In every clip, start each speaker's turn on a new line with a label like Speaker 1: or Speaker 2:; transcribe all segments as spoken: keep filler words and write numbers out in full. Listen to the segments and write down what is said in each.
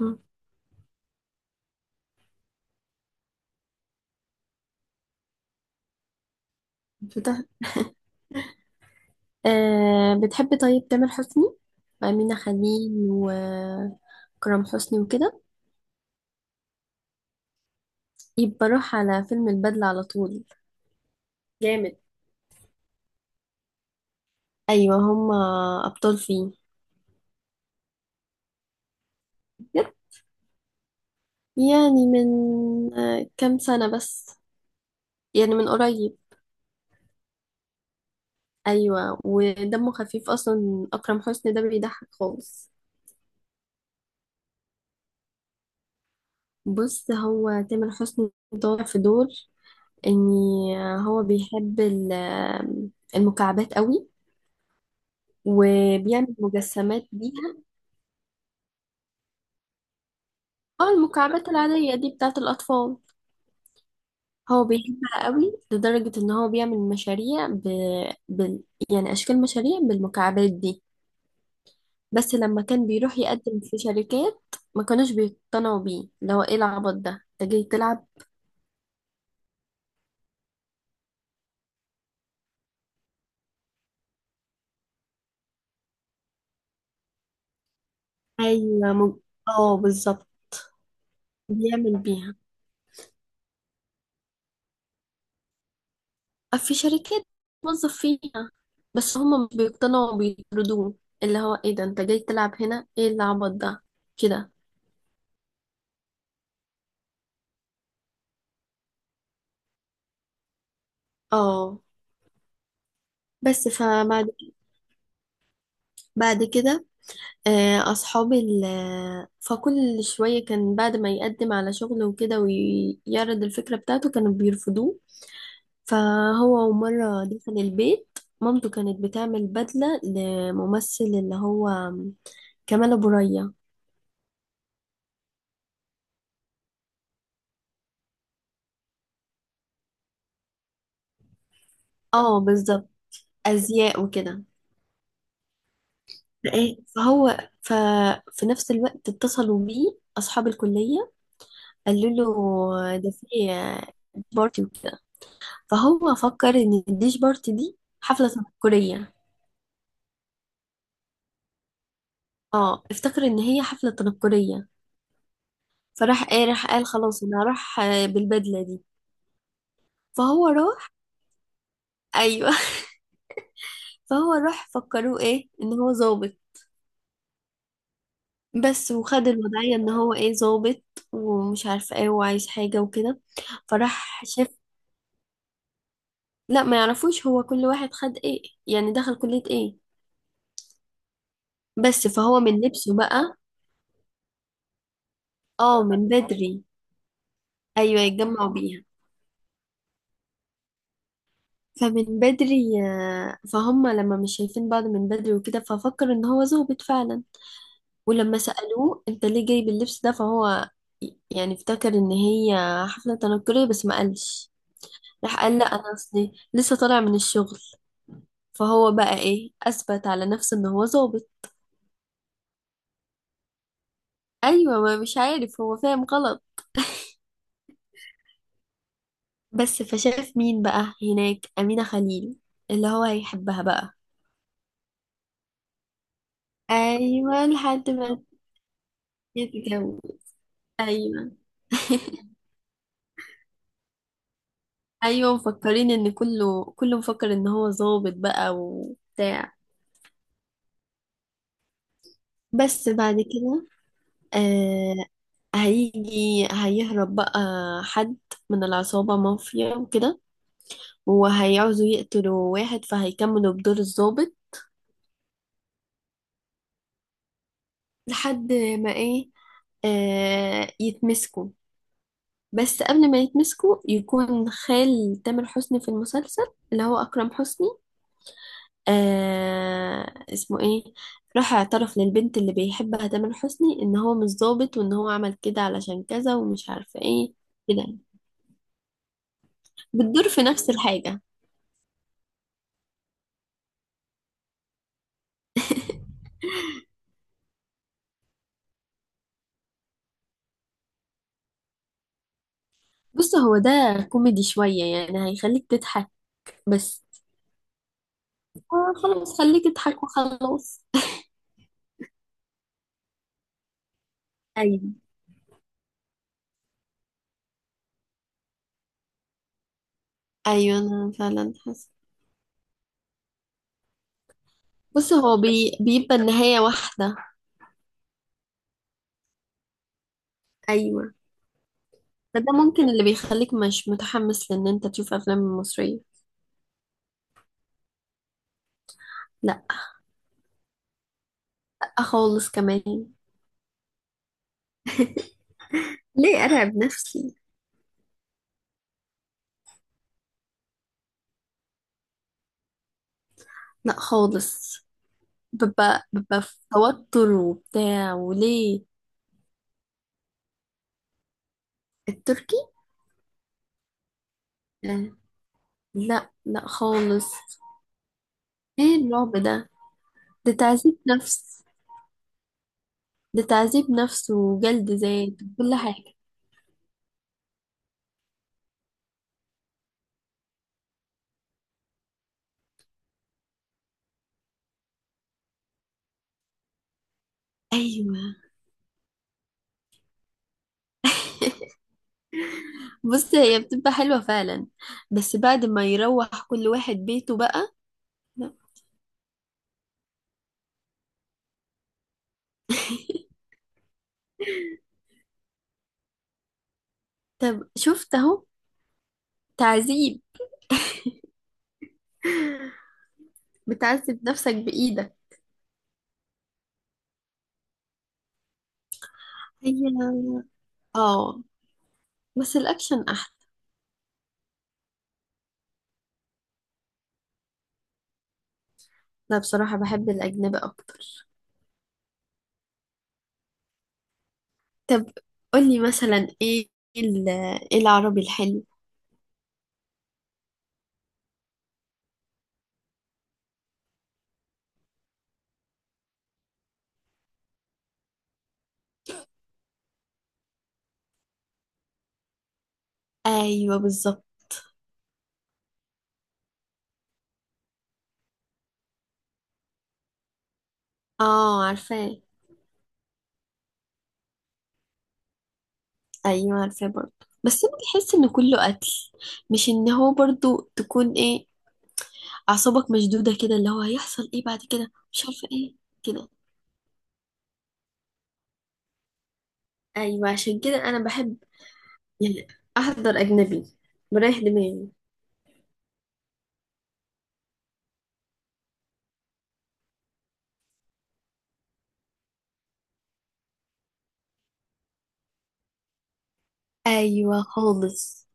Speaker 1: مم. فتح. أه بتحبي طيب تامر حسني، وأمينة خليل، وكرم حسني، وكده. يبقى روح على فيلم البدلة على طول. جامد. أيوة، هما أبطال فيه. بجد؟ يعني من آه، كام سنة بس، يعني من قريب. أيوة، ودمه خفيف أصلا، أكرم حسني ده بيضحك خالص. بص، هو تامر حسني طالع في دور إن هو بيحب ال- المكعبات قوي، وبيعمل مجسمات بيها. اه، المكعبات العادية دي بتاعة الأطفال. هو بيحبها قوي لدرجة ان هو بيعمل مشاريع ب... بال... يعني أشكال مشاريع بالمكعبات دي. بس لما كان بيروح يقدم في شركات ما كانوش بيقتنعوا بيه، اللي هو ايه العبط ده، انت جاي تلعب. ايوه م... اه، بالظبط، بيعمل بيها. آه، في شركات موظف فيها، بس هم مش بيقتنعوا، بيطردوه، اللي هو ايه ده، انت جاي تلعب هنا، ايه العبط ده. كده. اه. بس فبعد بعد كده، آه، أصحابي ال- آه، فكل شوية كان بعد ما يقدم على شغل وكده ويعرض الفكرة بتاعته كانوا بيرفضوه. فهو مرة دخل البيت، مامته كانت بتعمل بدلة لممثل اللي هو كمال أبو ريا. اه، بالظبط، أزياء وكده. فإيه فهو ففي نفس الوقت اتصلوا بيه أصحاب الكلية، قالوا له ده في بارتي وكده. فهو فكر ان الديش بارتي دي حفلة تنكرية. اه، افتكر ان هي حفلة تنكرية. فراح قال راح قال خلاص انا هروح آه، بالبدلة دي. فهو راح ايوه، فهو راح فكروه ايه ان هو ظابط. بس وخد الوضعية ان هو ايه، ظابط ومش عارفه ايه، وعايز حاجة وكده. فراح شاف، لا ما يعرفوش، هو كل واحد خد ايه، يعني دخل كلية ايه. بس فهو من لبسه بقى. اه، من بدري. ايوه، يتجمعوا بيها. فمن بدري آه، فهم لما مش شايفين بعض من بدري وكده ففكر ان هو ظابط فعلا. ولما سألوه انت ليه جايب اللبس ده، فهو يعني افتكر ان هي حفلة تنكرية بس ما قالش. راح قال لا، انا اصلي لسه طالع من الشغل، فهو بقى ايه، اثبت على نفسه ان هو ظابط. ايوه، ما مش عارف، هو فاهم غلط. بس فشاف مين بقى هناك، أمينة خليل، اللي هو هيحبها بقى. ايوه، لحد ما يتجوز. ايوه. ايوه، مفكرين ان كله كله مفكر ان هو ظابط بقى وبتاع. بس بعد كده آه هيجي هيهرب بقى حد من العصابة، مافيا وكده، وهيعوزوا يقتلوا واحد فهيكملوا بدور الظابط. لحد ما ايه آه يتمسكوا، بس قبل ما يتمسكوا يكون خال تامر حسني في المسلسل، اللي هو أكرم حسني، آه اسمه ايه راح اعترف للبنت اللي بيحبها تامر حسني ان هو مش ظابط، وان هو عمل كده علشان كذا ومش عارفه ايه، كده يعني. بتدور في نفس الحاجه. بص، هو ده كوميدي شويه، يعني هيخليك تضحك بس. آه، خلاص خليك تضحك وخلاص. ايوه. ايوه، انا فعلا حاسه. بص، هو بي... بيبقى النهايه واحده. ايوه، فده ممكن اللي بيخليك مش متحمس لان انت تشوف افلام مصريه. لا خالص كمان، ليه أرعب نفسي. لا خالص، ببقى ببقى في توتر وبتاع، وليه. التركي؟ آه، لا، لا، خالص، ايه الرعب ده، ده تعذيب نفس. ده تعذيب نفس، وجلد ذات، وكل حاجة. ايوه، بص، هي بتبقى حلوة فعلا، بس بعد ما يروح كل واحد بيته بقى. لا. طب شفت اهو، تعذيب، بتعذب نفسك بإيدك. هي، اه، بس الأكشن أحلى. لا، بصراحة بحب الأجنبي أكتر. طب قولي مثلا ايه ال- ايه العربي الحلو. ايوه، بالظبط. اه، عارفاه. ايوه، عارفاه برضه. بس انا بحس ان كله قتل، مش ان هو برضه تكون ايه، اعصابك مشدوده كده، اللي هو هيحصل ايه بعد كده، مش عارفه ايه. كده. ايوه، عشان كده انا بحب يعني احضر اجنبي، بريح دماغي. ايوه، خالص.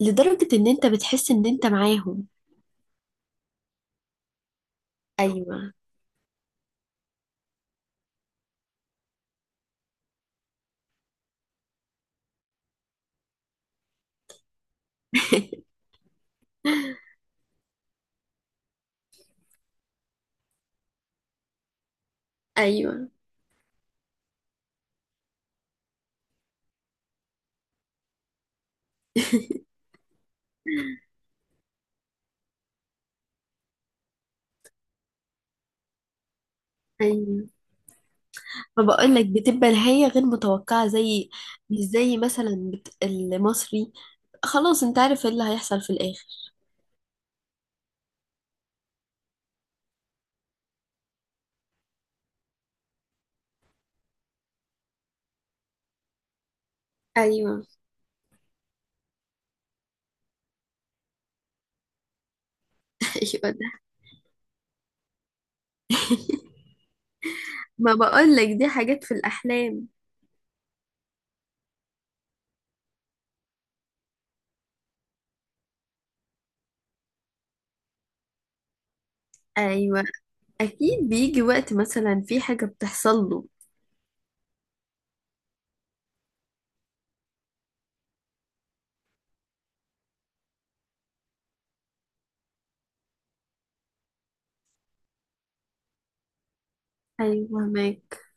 Speaker 1: لدرجه ان انت بتحس ان انت معاهم. ايوه. ايوه، ايوه، ما بقولك بتبقى نهاية غير متوقعة، زي مش زي مثلا بت... المصري، خلاص انت عارف ايه اللي هيحصل في الآخر. ايوه. ايوه ده، ما بقولك دي حاجات في الأحلام. ايوه، اكيد بيجي وقت مثلا في حاجة بتحصل له. ايوه ماك.